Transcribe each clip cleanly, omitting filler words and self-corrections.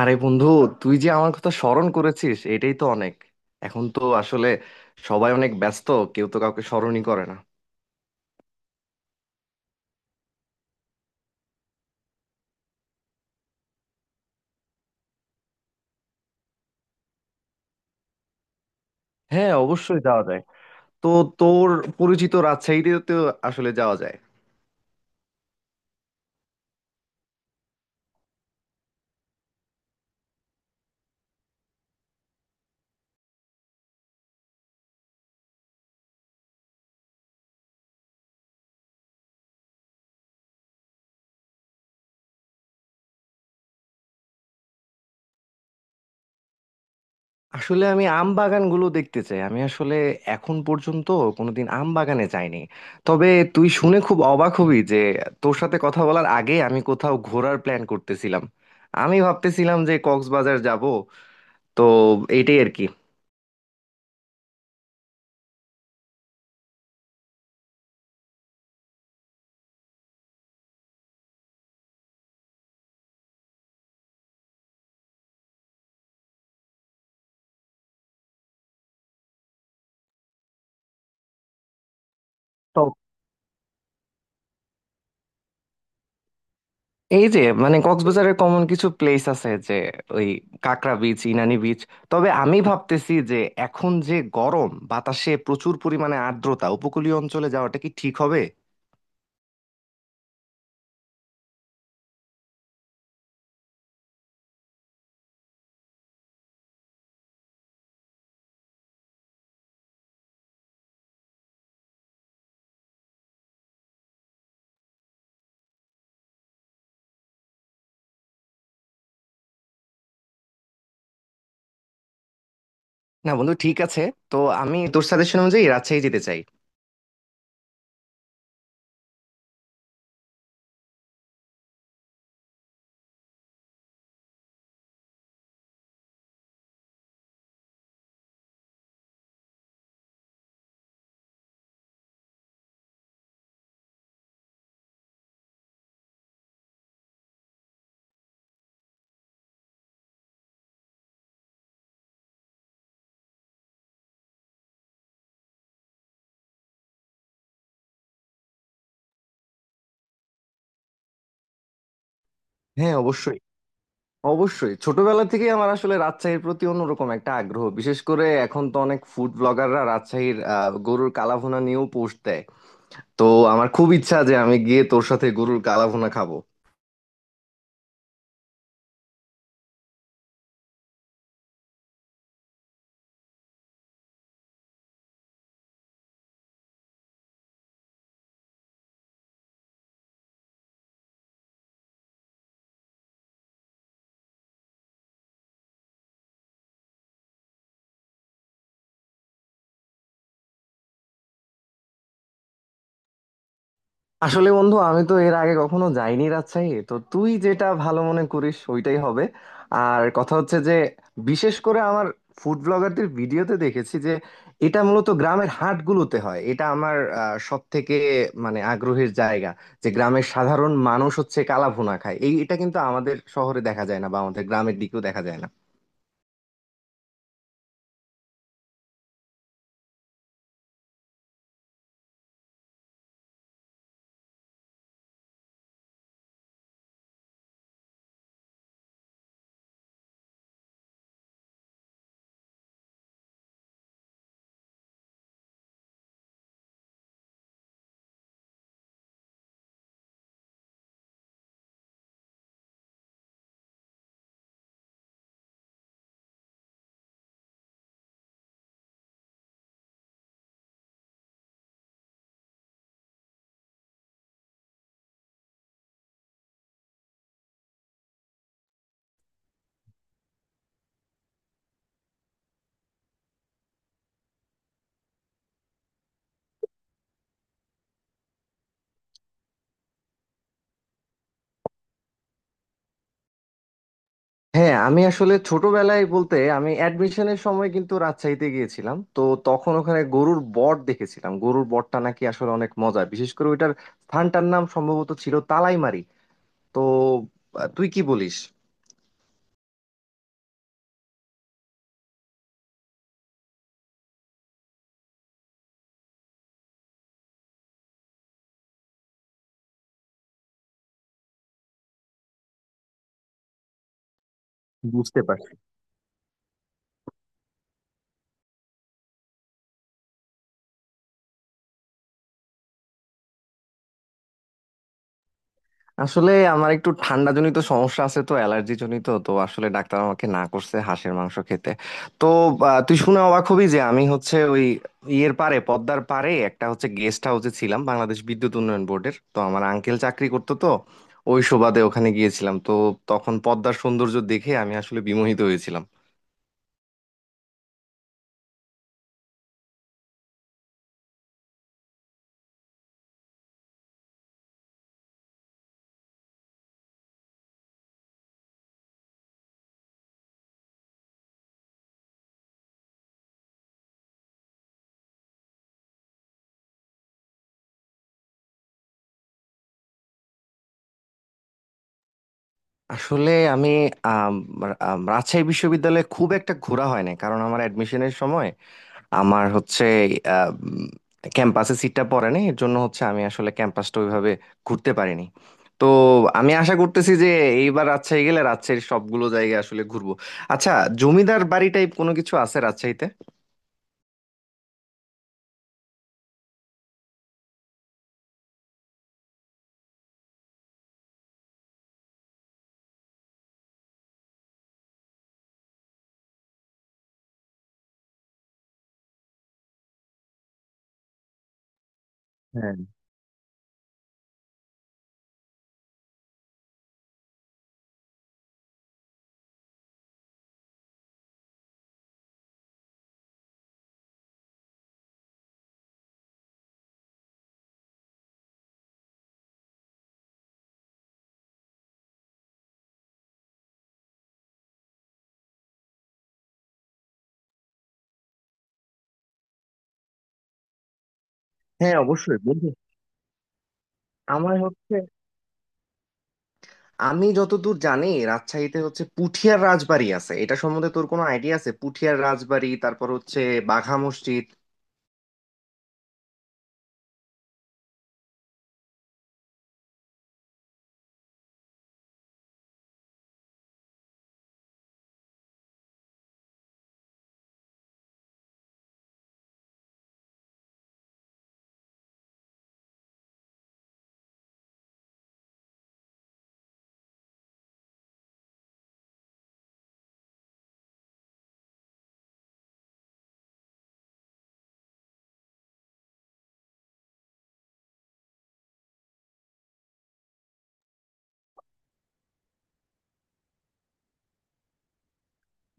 আরে বন্ধু, তুই যে আমার কথা স্মরণ করেছিস এটাই তো অনেক। এখন তো আসলে সবাই অনেক ব্যস্ত, কেউ তো কাউকে স্মরণই করে না। হ্যাঁ, অবশ্যই যাওয়া যায়। তো তোর পরিচিত রাজশাহীতে তো আসলে যাওয়া যায়। আসলে আমি আম বাগানগুলো দেখতে চাই। আমি আসলে এখন পর্যন্ত কোনোদিন আম বাগানে যাইনি। তবে তুই শুনে খুব অবাক হবি যে, তোর সাথে কথা বলার আগে আমি কোথাও ঘোরার প্ল্যান করতেছিলাম। আমি ভাবতেছিলাম যে কক্সবাজার যাব। তো এটাই আর কি। এই যে মানে কক্সবাজারের কমন কিছু প্লেস আছে যে, ওই কাকরা বিচ, ইনানি বিচ। তবে আমি ভাবতেছি যে এখন যে গরম, বাতাসে প্রচুর পরিমাণে আর্দ্রতা, উপকূলীয় অঞ্চলে যাওয়াটা কি ঠিক হবে? না বন্ধু, ঠিক আছে। তো আমি তোর সাজেশন অনুযায়ী রাজশাহী যেতে চাই। হ্যাঁ অবশ্যই, অবশ্যই। ছোটবেলা থেকে আমার আসলে রাজশাহীর প্রতি অন্যরকম একটা আগ্রহ। বিশেষ করে এখন তো অনেক ফুড ব্লগাররা রাজশাহীর গরুর কালাভুনা নিয়েও পোস্ট দেয়। তো আমার খুব ইচ্ছা যে আমি গিয়ে তোর সাথে গরুর কালাভুনা খাবো। আসলে বন্ধু, আমি তো এর আগে কখনো যাইনি রাজশাহী, তো তুই যেটা ভালো মনে করিস ওইটাই হবে। আর কথা হচ্ছে যে, বিশেষ করে আমার ফুড ব্লগারদের ভিডিওতে দেখেছি যে এটা মূলত গ্রামের হাটগুলোতে হয়। এটা আমার সব থেকে মানে আগ্রহের জায়গা, যে গ্রামের সাধারণ মানুষ হচ্ছে কালাভুনা খায়। এই এটা কিন্তু আমাদের শহরে দেখা যায় না বা আমাদের গ্রামের দিকেও দেখা যায় না। হ্যাঁ, আমি আসলে ছোটবেলায় বলতে আমি অ্যাডমিশনের সময় কিন্তু রাজশাহীতে গিয়েছিলাম। তো তখন ওখানে গরুর বট দেখেছিলাম। গরুর বটটা নাকি আসলে অনেক মজা। বিশেষ করে ওইটার স্থানটার নাম সম্ভবত ছিল তালাইমারি। তো তুই কি বলিস? বুঝতে পারছি। আসলে আমার একটু ঠান্ডা জনিত সমস্যা আছে, তো অ্যালার্জি জনিত, তো আসলে ডাক্তার আমাকে না করছে হাঁসের মাংস খেতে। তো তুই শুনে অবাক হবি যে আমি হচ্ছে ওই ইয়ের পারে, পদ্মার পারে একটা হচ্ছে গেস্ট হাউসে ছিলাম, বাংলাদেশ বিদ্যুৎ উন্নয়ন বোর্ডের। তো আমার আঙ্কেল চাকরি করতো, তো ওই সুবাদে ওখানে গিয়েছিলাম। তো তখন পদ্মার সৌন্দর্য দেখে আমি আসলে বিমোহিত হয়েছিলাম। আসলে আমি আম, আম, রাজশাহী বিশ্ববিদ্যালয়ে খুব একটা ঘোরা হয় না, কারণ আমার অ্যাডমিশনের সময় আমার হচ্ছে ক্যাম্পাসে সিটটা পড়ে নাই। এর জন্য হচ্ছে আমি আসলে ক্যাম্পাসটা ওইভাবে ঘুরতে পারিনি। তো আমি আশা করতেছি যে এইবার রাজশাহী গেলে রাজশাহীর সবগুলো জায়গা আসলে ঘুরবো। আচ্ছা, জমিদার বাড়ি টাইপ কোনো কিছু আছে রাজশাহীতে? হ্যাঁ, হ্যাঁ অবশ্যই বন্ধু। আমার হচ্ছে, আমি যতদূর জানি রাজশাহীতে হচ্ছে পুঠিয়ার রাজবাড়ি আছে। এটা সম্বন্ধে তোর কোনো আইডিয়া আছে? পুঠিয়ার রাজবাড়ি, তারপর হচ্ছে বাঘা মসজিদ।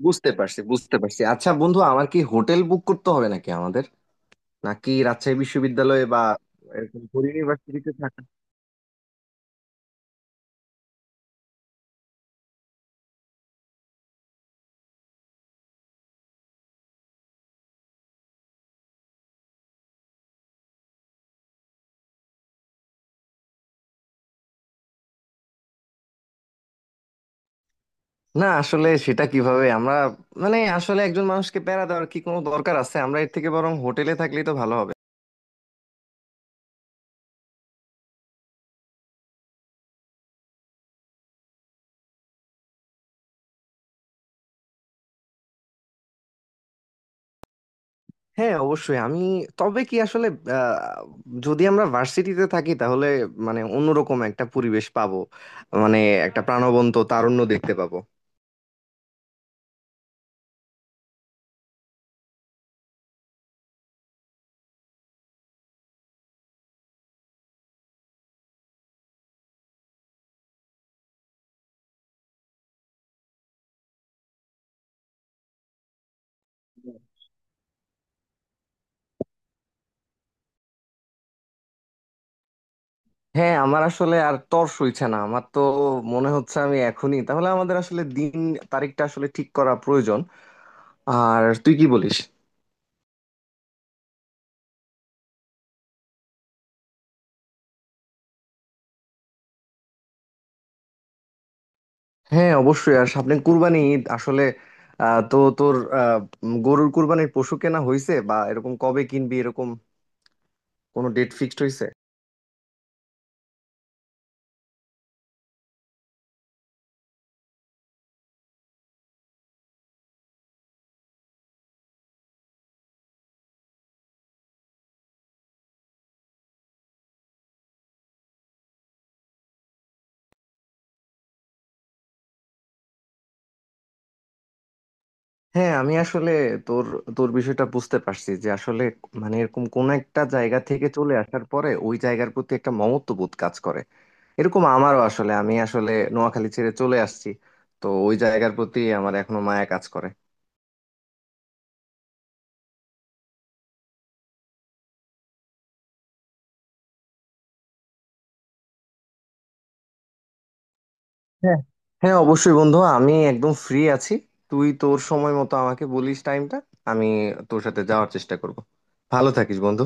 বুঝতে পারছি, বুঝতে পারছি। আচ্ছা বন্ধু, আমার কি হোটেল বুক করতে হবে নাকি আমাদের? নাকি রাজশাহী বিশ্ববিদ্যালয়ে বা এরকম ফোর ইউনিভার্সিটিতে থাকা? না আসলে সেটা কিভাবে আমরা মানে আসলে একজন মানুষকে প্যারা দেওয়ার কি কোনো দরকার আছে? আমরা এর থেকে বরং হোটেলে থাকলেই তো ভালো হবে। হ্যাঁ অবশ্যই। আমি তবে কি আসলে, আহ, যদি আমরা ভার্সিটিতে থাকি তাহলে মানে অন্যরকম একটা পরিবেশ পাবো। মানে একটা প্রাণবন্ত তারুণ্য দেখতে পাবো। হ্যাঁ আমার আসলে আর তর সইছে না। আমার তো মনে হচ্ছে আমি এখনই তাহলে আমাদের আসলে দিন তারিখটা আসলে ঠিক করা প্রয়োজন। আর তুই কি বলিস? হ্যাঁ অবশ্যই। আর সামনে কুরবানি ঈদ আসলে, তো তোর আহ, গরুর কুরবানির পশু কেনা হয়েছে, বা এরকম কবে কিনবি, এরকম কোনো ডেট ফিক্সড হয়েছে? হ্যাঁ আমি আসলে তোর, তোর বিষয়টা বুঝতে পারছি যে আসলে মানে এরকম কোন একটা জায়গা থেকে চলে আসার পরে ওই জায়গার প্রতি একটা মমত্ববোধ কাজ করে। এরকম আমারও আসলে, আমি আসলে নোয়াখালী ছেড়ে চলে আসছি, তো ওই জায়গার প্রতি আমার এখনো মায়া কাজ করে। হ্যাঁ, হ্যাঁ অবশ্যই বন্ধু, আমি একদম ফ্রি আছি। তুই তোর সময় মতো আমাকে বলিস টাইমটা। আমি তোর সাথে যাওয়ার চেষ্টা করব। ভালো থাকিস বন্ধু।